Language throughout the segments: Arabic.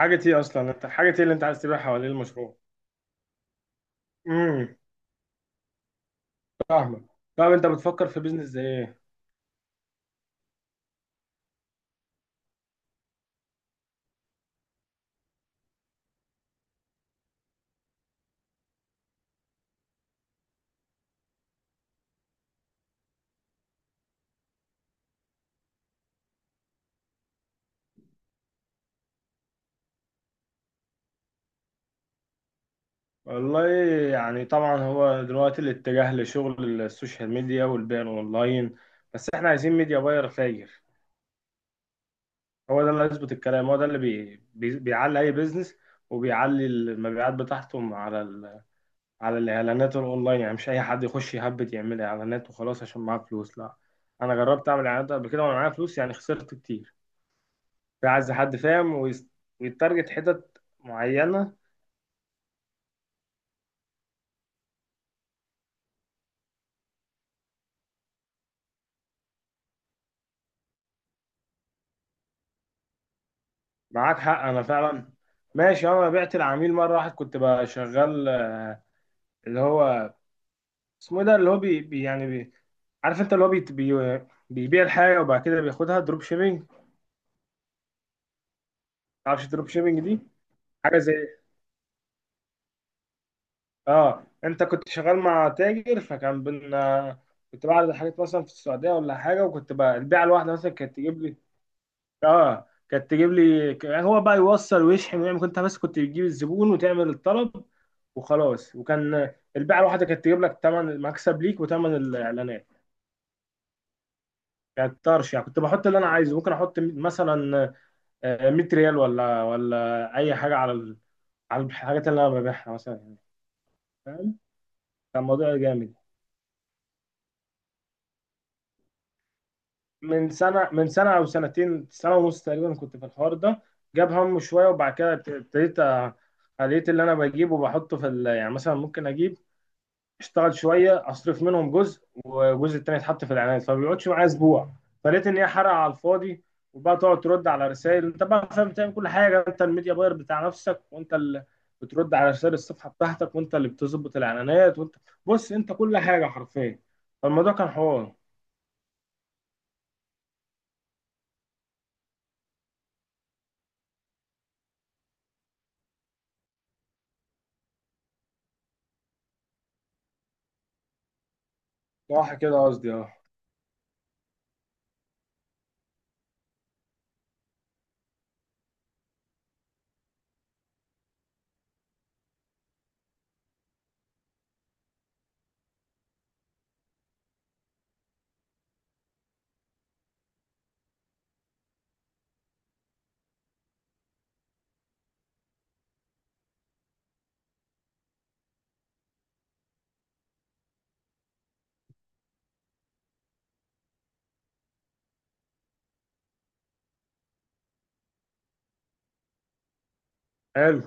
حاجة ايه اللي انت عايز تبيعها ولا ايه المشروع؟ امم فاهمك. طب انت بتفكر في بيزنس زي ايه؟ والله، يعني طبعا هو دلوقتي الاتجاه لشغل السوشيال ميديا والبيع اونلاين، بس احنا عايزين ميديا باير فاير. هو ده اللي هيظبط الكلام، هو ده اللي بيعلي اي بيزنس، وبيعلي المبيعات بتاعتهم على الاعلانات الاونلاين. يعني مش اي حد يخش يهبد يعمل اعلانات وخلاص عشان معاه فلوس، لا. انا جربت اعمل اعلانات قبل كده وانا معايا فلوس، يعني خسرت كتير. في عايز حد فاهم ويتارجت حتت معينة. معاك حق، أنا فعلا ماشي. أه، أنا بعت العميل مرة واحد، كنت بقى شغال اللي هو اسمه إيه ده، اللي هو بي بي يعني بي، عارف أنت اللي هو بي بي، بيبيع الحاجة وبعد كده بياخدها دروب شيبينج. معرفش دروب شيبينج دي، حاجة زي. آه، أنت كنت شغال مع تاجر، فكان بينا كنت بعرض الحاجات مثلا في السعودية ولا حاجة، وكنت بقى البيعة الواحدة مثلا كانت تجيب لي. اه، كانت تجيب لي، هو بقى يوصل ويشحن ويعمل، كنت بس كنت بتجيب الزبون وتعمل الطلب وخلاص. وكان البيعه الواحده كانت تجيب لك ثمن المكسب ليك وثمن الاعلانات، كانت طرش يعني. كنت بحط اللي انا عايزه، ممكن احط مثلا آه، 100 ريال ولا اي حاجه على الحاجات اللي انا ببيعها مثلا يعني. فاهم. كان موضوع جامد. من سنه، من سنه او سنتين، سنه ونص تقريبا كنت في الحوار ده. جاب هم شويه، وبعد كده ابتديت، لقيت اللي انا بجيبه وبحطه يعني مثلا، ممكن اجيب اشتغل شويه، اصرف منهم جزء والجزء التاني يتحط في الاعلانات، فما بيقعدش معايا اسبوع. فلقيت ان هي حرقه على الفاضي. وبقى تقعد ترد على رسائل، انت بقى فاهم، بتعمل كل حاجه، انت الميديا باير بتاع نفسك، وانت اللي بترد على رسائل الصفحه بتاعتك، وانت اللي بتظبط الاعلانات، وانت بص انت كل حاجه حرفيا. فالموضوع كان حوار. صح كده قصدي، اه. حلو.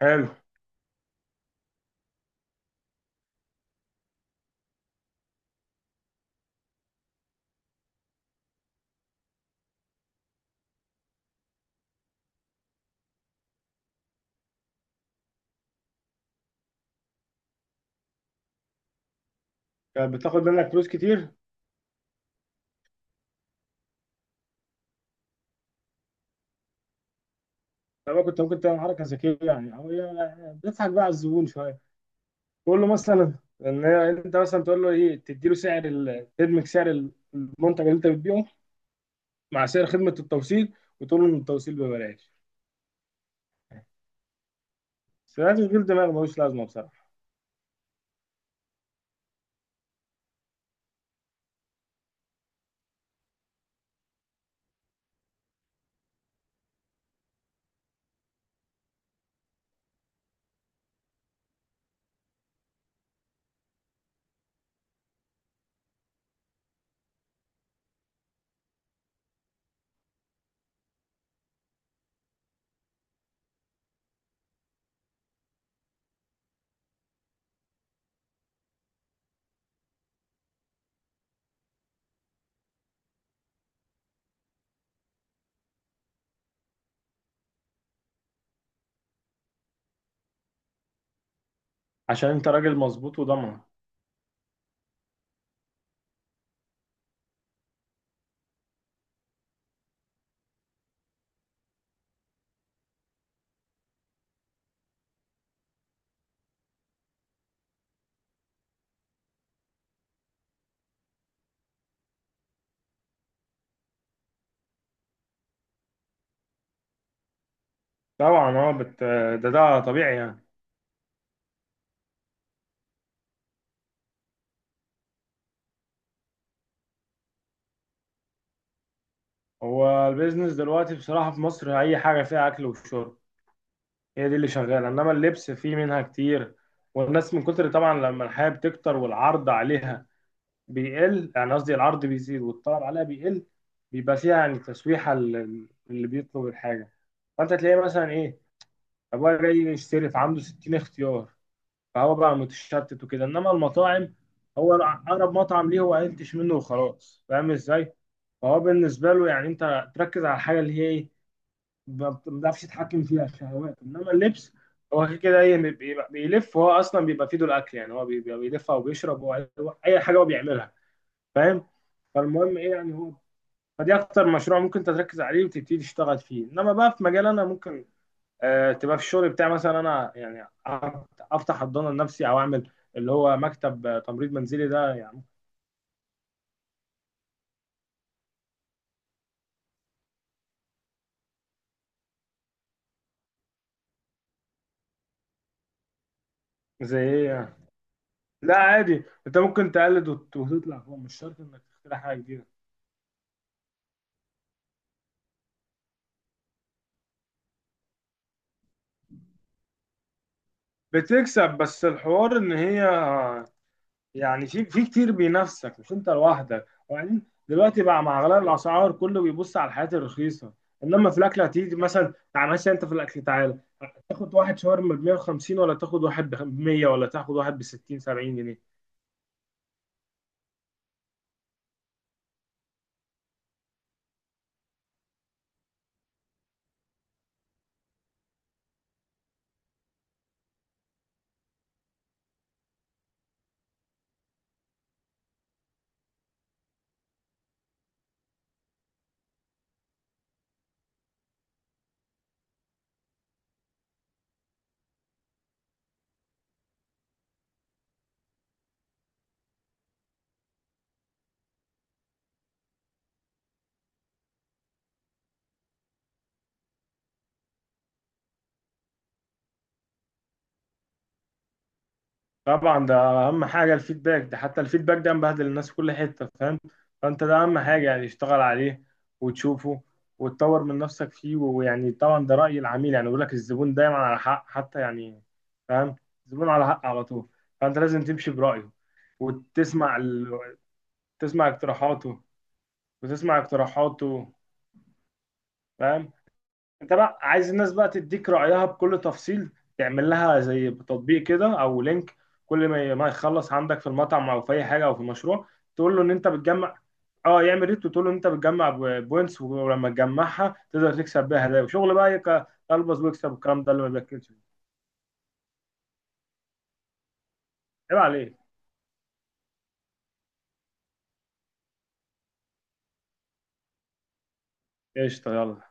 حلو. كانت بتاخد منك فلوس كتير. طب كنت ممكن تعمل حركه ذكيه يعني، او يعني بتضحك بقى على الزبون شويه، تقول له مثلا، ان انت مثلا تقول له ايه، تديله سعر تدمج سعر المنتج اللي انت بتبيعه مع سعر خدمه التوصيل، وتقول له ان التوصيل ببلاش. بس ده تشغيل دماغ ملوش لازمه بصراحه. عشان انت راجل مظبوط وضمن. طبعا اه، ده طبيعي يعني. هو البيزنس دلوقتي بصراحة في مصر، أي حاجة فيها أكل وشرب، هي دي اللي شغالة، إنما اللبس فيه منها كتير. والناس من كتر طبعا لما الحياة بتكتر، والعرض عليها بيقل، يعني قصدي العرض بيزيد والطلب عليها بيقل، بيبقى فيها يعني تسويحة اللي بيطلب الحاجة. فأنت تلاقيه مثلا إيه، أبويا جاي يشتري فعنده 60 اختيار، فهو بقى متشتت وكده. إنما المطاعم، هو أقرب مطعم ليه هو قلتش منه وخلاص، فاهم إزاي؟ فهو بالنسبة له، يعني أنت تركز على الحاجة اللي هي إيه، ما بتعرفش تتحكم فيها الشهوات. إنما اللبس هو كده كده إيه بيلف، هو أصلا بيبقى في ايده الأكل يعني، هو بيبقى بيلف أو بيشرب أو أي حاجة هو بيعملها. فاهم. فالمهم ايه يعني هو، فدي اكتر مشروع ممكن انت تركز عليه وتبتدي تشتغل فيه. انما بقى في مجال انا ممكن آه تبقى في الشغل بتاعي مثلا، انا يعني افتح حضانه لنفسي، او اعمل اللي هو مكتب، آه، تمريض منزلي ده يعني. زي ايه يعني؟ لا عادي، انت ممكن تقلد وتطلع، هو مش شرط انك تخترع حاجه جديده. بتكسب، بس الحوار ان هي، يعني في كتير بينافسك مش انت لوحدك. وبعدين دلوقتي بقى مع اغلى الاسعار، كله بيبص على الحاجات الرخيصه. انما في الاكل، هتيجي مثلا تعال مثلا، انت في الاكل تعالى تاخد واحد شاورما ب 150، ولا تاخد واحد ب 100، ولا تاخد واحد ب 60 70 جنيه. طبعا ده اهم حاجه الفيدباك ده، حتى الفيدباك ده مبهدل الناس في كل حته، فاهم. فانت ده اهم حاجه، يعني اشتغل عليه وتشوفه وتطور من نفسك فيه. ويعني طبعا ده راي العميل، يعني بيقول لك الزبون دايما على حق، حتى يعني فاهم، الزبون على حق على طول. فانت لازم تمشي برايه، وتسمع ال... تسمع اقتراحاته، وتسمع اقتراحاته. فاهم. انت بقى عايز الناس بقى تديك رأيها بكل تفصيل، تعمل لها زي تطبيق كده او لينك. كل ما يخلص عندك في المطعم او في اي حاجه او في المشروع، تقول له ان انت بتجمع. اه يعمل ريت، وتقول له ان انت بتجمع بوينتس، ولما تجمعها تقدر تكسب بيها هدايا. وشغل بقى، يبقى البس ويكسب، والكلام ده اللي ما بياكلش. عيب عليك. قشطه، يلا.